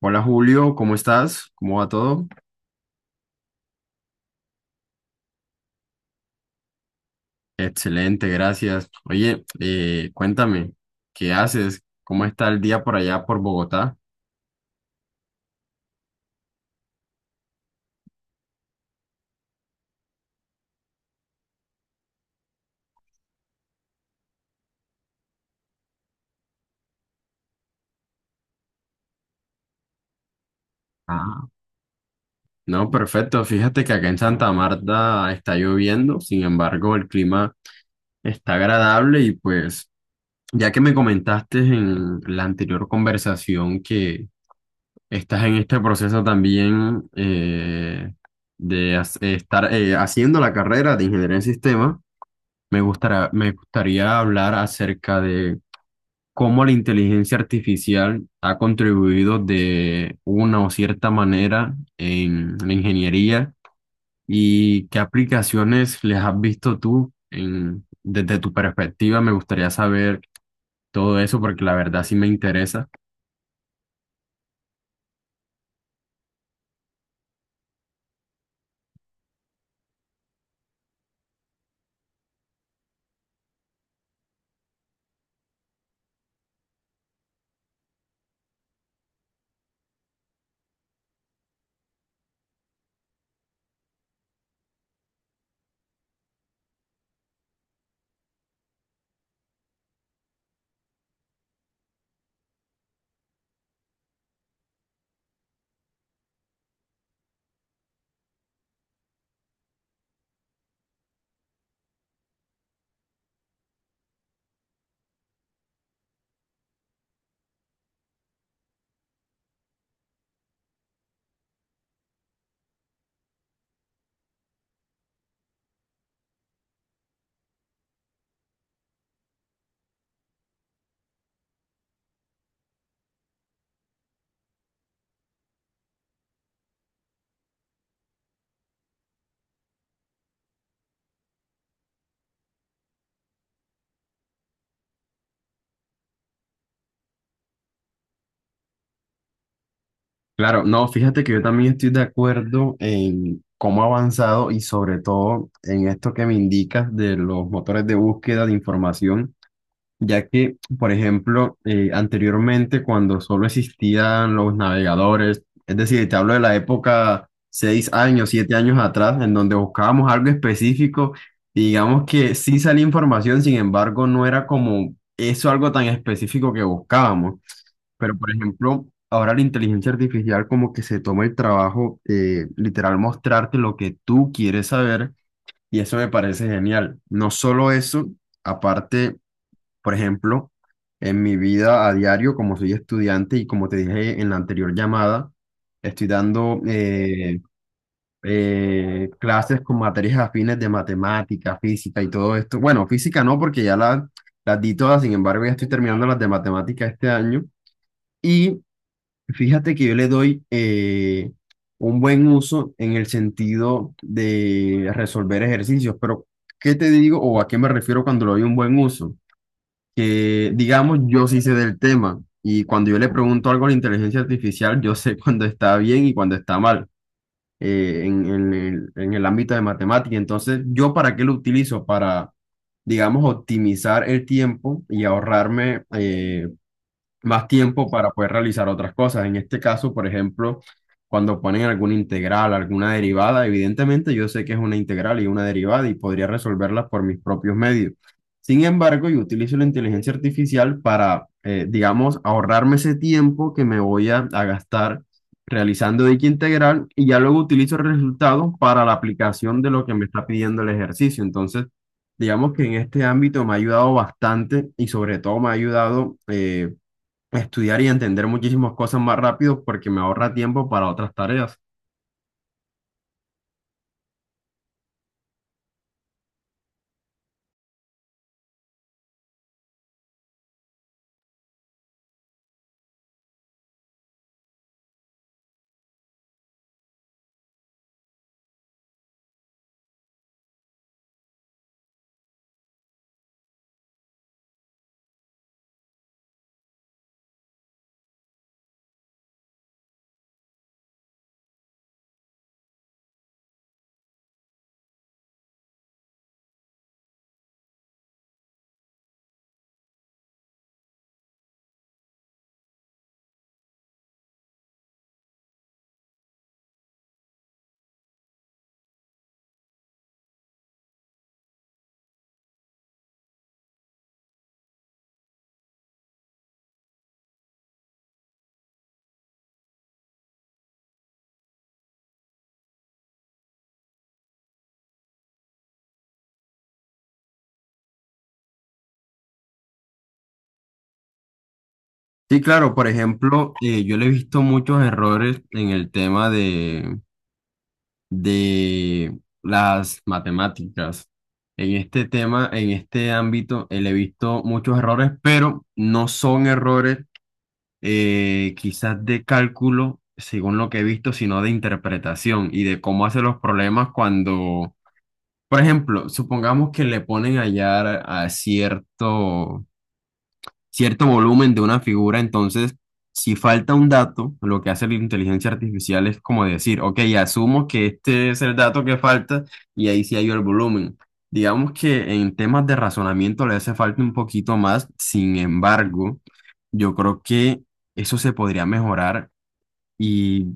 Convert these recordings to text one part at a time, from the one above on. Hola Julio, ¿cómo estás? ¿Cómo va todo? Excelente, gracias. Oye, cuéntame, ¿qué haces? ¿Cómo está el día por allá por Bogotá? Ah. No, perfecto. Fíjate que acá en Santa Marta está lloviendo, sin embargo, el clima está agradable y pues, ya que me comentaste en la anterior conversación que estás en este proceso también de hac- estar haciendo la carrera de ingeniería en sistemas. Me gustaría hablar acerca de cómo la inteligencia artificial ha contribuido de una o cierta manera en la ingeniería y qué aplicaciones les has visto tú desde tu perspectiva. Me gustaría saber todo eso porque la verdad sí me interesa. Claro, no, fíjate que yo también estoy de acuerdo en cómo ha avanzado y sobre todo en esto que me indicas de los motores de búsqueda de información ya que, por ejemplo, anteriormente cuando solo existían los navegadores, es decir, te hablo de la época 6 años, 7 años atrás, en donde buscábamos algo específico, y digamos que sí salía información, sin embargo, no era como eso algo tan específico que buscábamos. Pero, por ejemplo, ahora la inteligencia artificial como que se toma el trabajo, literal, mostrarte lo que tú quieres saber, y eso me parece genial. No solo eso, aparte, por ejemplo, en mi vida a diario, como soy estudiante y como te dije en la anterior llamada, estoy dando clases con materias afines de matemática, física y todo esto. Bueno, física no, porque ya las di todas, sin embargo, ya estoy terminando las de matemática este año. Y fíjate que yo le doy, un buen uso en el sentido de resolver ejercicios, pero ¿qué te digo o a qué me refiero cuando le doy un buen uso? Que, digamos, yo sí sé del tema y cuando yo le pregunto algo a la inteligencia artificial, yo sé cuando está bien y cuando está mal en el ámbito de matemática. Entonces, ¿yo para qué lo utilizo? Para, digamos, optimizar el tiempo y ahorrarme, más tiempo para poder realizar otras cosas. En este caso, por ejemplo, cuando ponen alguna integral, alguna derivada, evidentemente yo sé que es una integral y una derivada y podría resolverlas por mis propios medios. Sin embargo, yo utilizo la inteligencia artificial para, digamos, ahorrarme ese tiempo que me voy a gastar realizando dicha integral y ya luego utilizo el resultado para la aplicación de lo que me está pidiendo el ejercicio. Entonces, digamos que en este ámbito me ha ayudado bastante y sobre todo me ha ayudado, estudiar y entender muchísimas cosas más rápido porque me ahorra tiempo para otras tareas. Sí, claro, por ejemplo, yo le he visto muchos errores en el tema de las matemáticas. En este tema, en este ámbito, le he visto muchos errores, pero no son errores quizás de cálculo, según lo que he visto, sino de interpretación y de cómo hace los problemas cuando Por ejemplo, supongamos que le ponen a hallar a cierto, cierto volumen de una figura, entonces, si falta un dato, lo que hace la inteligencia artificial es como decir, ok, asumo que este es el dato que falta y ahí sí hay el volumen. Digamos que en temas de razonamiento le hace falta un poquito más, sin embargo, yo creo que eso se podría mejorar y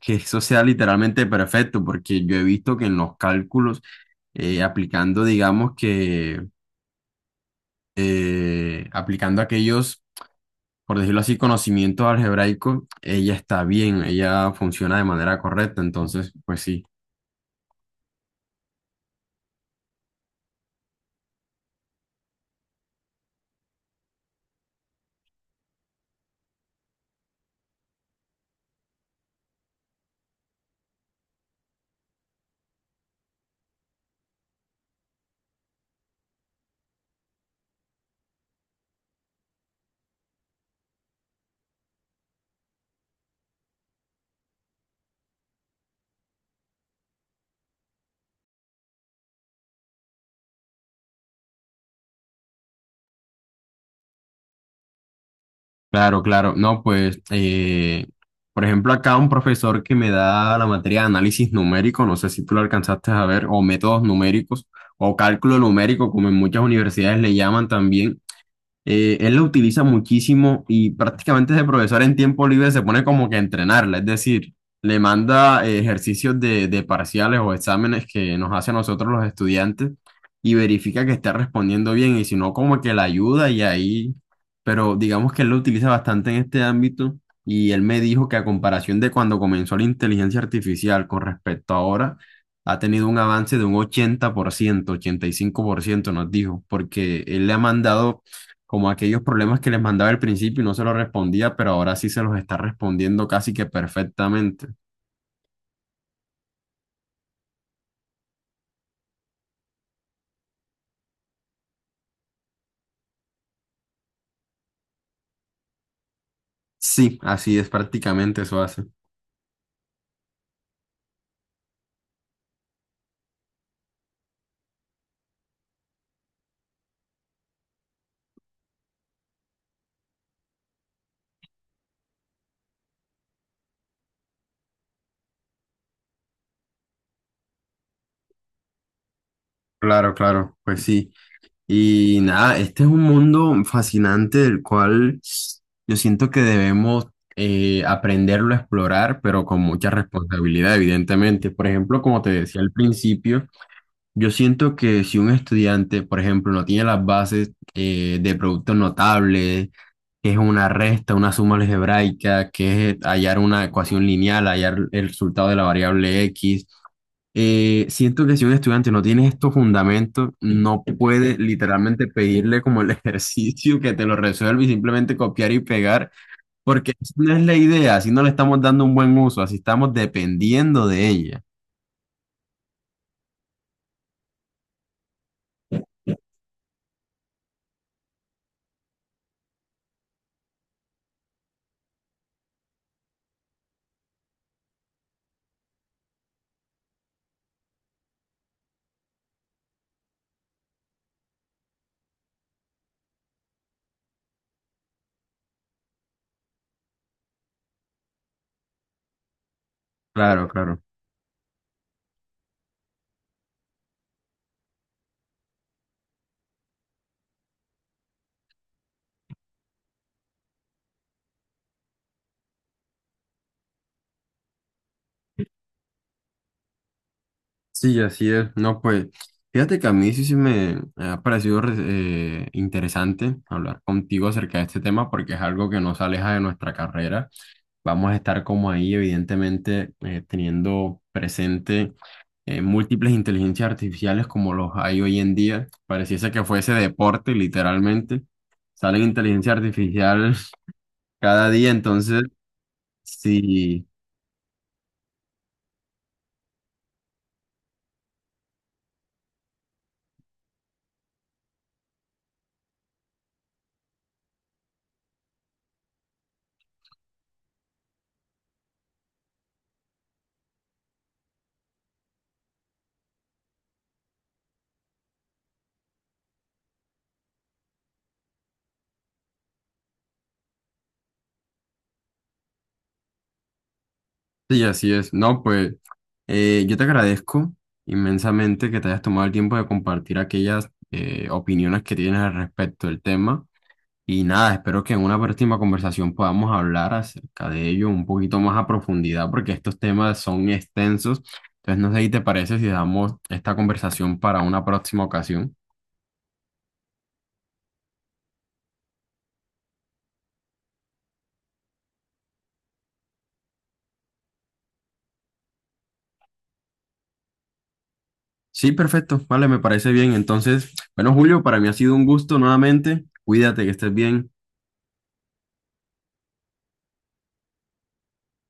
que eso sea literalmente perfecto, porque yo he visto que en los cálculos, aplicando, aplicando aquellos, por decirlo así, conocimientos algebraicos, ella está bien, ella funciona de manera correcta. Entonces, pues sí, claro, claro, no, pues, por ejemplo, acá un profesor que me da la materia de análisis numérico, no sé si tú lo alcanzaste a ver, o métodos numéricos, o cálculo numérico, como en muchas universidades le llaman también. Él la utiliza muchísimo y prácticamente ese profesor en tiempo libre se pone como que a entrenarla, es decir, le manda, ejercicios de parciales o exámenes que nos hace a nosotros los estudiantes y verifica que esté respondiendo bien y si no, como que la ayuda y ahí, pero digamos que él lo utiliza bastante en este ámbito y él me dijo que a comparación de cuando comenzó la inteligencia artificial con respecto a ahora, ha tenido un avance de un ochenta por ciento, 85% nos dijo, porque él le ha mandado como aquellos problemas que les mandaba al principio y no se los respondía, pero ahora sí se los está respondiendo casi que perfectamente. Sí, así es, prácticamente eso hace. Claro, claro, pues sí. Y nada, este es un mundo fascinante del cual yo siento que debemos, aprenderlo a explorar, pero con mucha responsabilidad, evidentemente. Por ejemplo, como te decía al principio, yo siento que si un estudiante, por ejemplo, no tiene las bases, de productos notables, que es una resta, una suma algebraica, que es hallar una ecuación lineal, hallar el resultado de la variable X, siento que si un estudiante no tiene estos fundamentos, no puede literalmente pedirle como el ejercicio que te lo resuelva y simplemente copiar y pegar, porque esa no es la idea, así no le estamos dando un buen uso, así estamos dependiendo de ella. Claro, claro. Sí, así es. No, pues, fíjate que a mí sí, sí me ha parecido interesante hablar contigo acerca de este tema porque es algo que nos aleja de nuestra carrera. Vamos a estar como ahí, evidentemente, teniendo presente, múltiples inteligencias artificiales como los hay hoy en día. Pareciese que fuese deporte, literalmente. Salen inteligencia artificial cada día, entonces, sí, sí, así es. No, pues. Yo te agradezco inmensamente que te hayas tomado el tiempo de compartir aquellas, opiniones que tienes al respecto del tema. Y nada, espero que en una próxima conversación podamos hablar acerca de ello un poquito más a profundidad, porque estos temas son extensos. Entonces, no sé si te parece si damos esta conversación para una próxima ocasión. Sí, perfecto. Vale, me parece bien. Entonces, bueno, Julio, para mí ha sido un gusto nuevamente. Cuídate, que estés bien.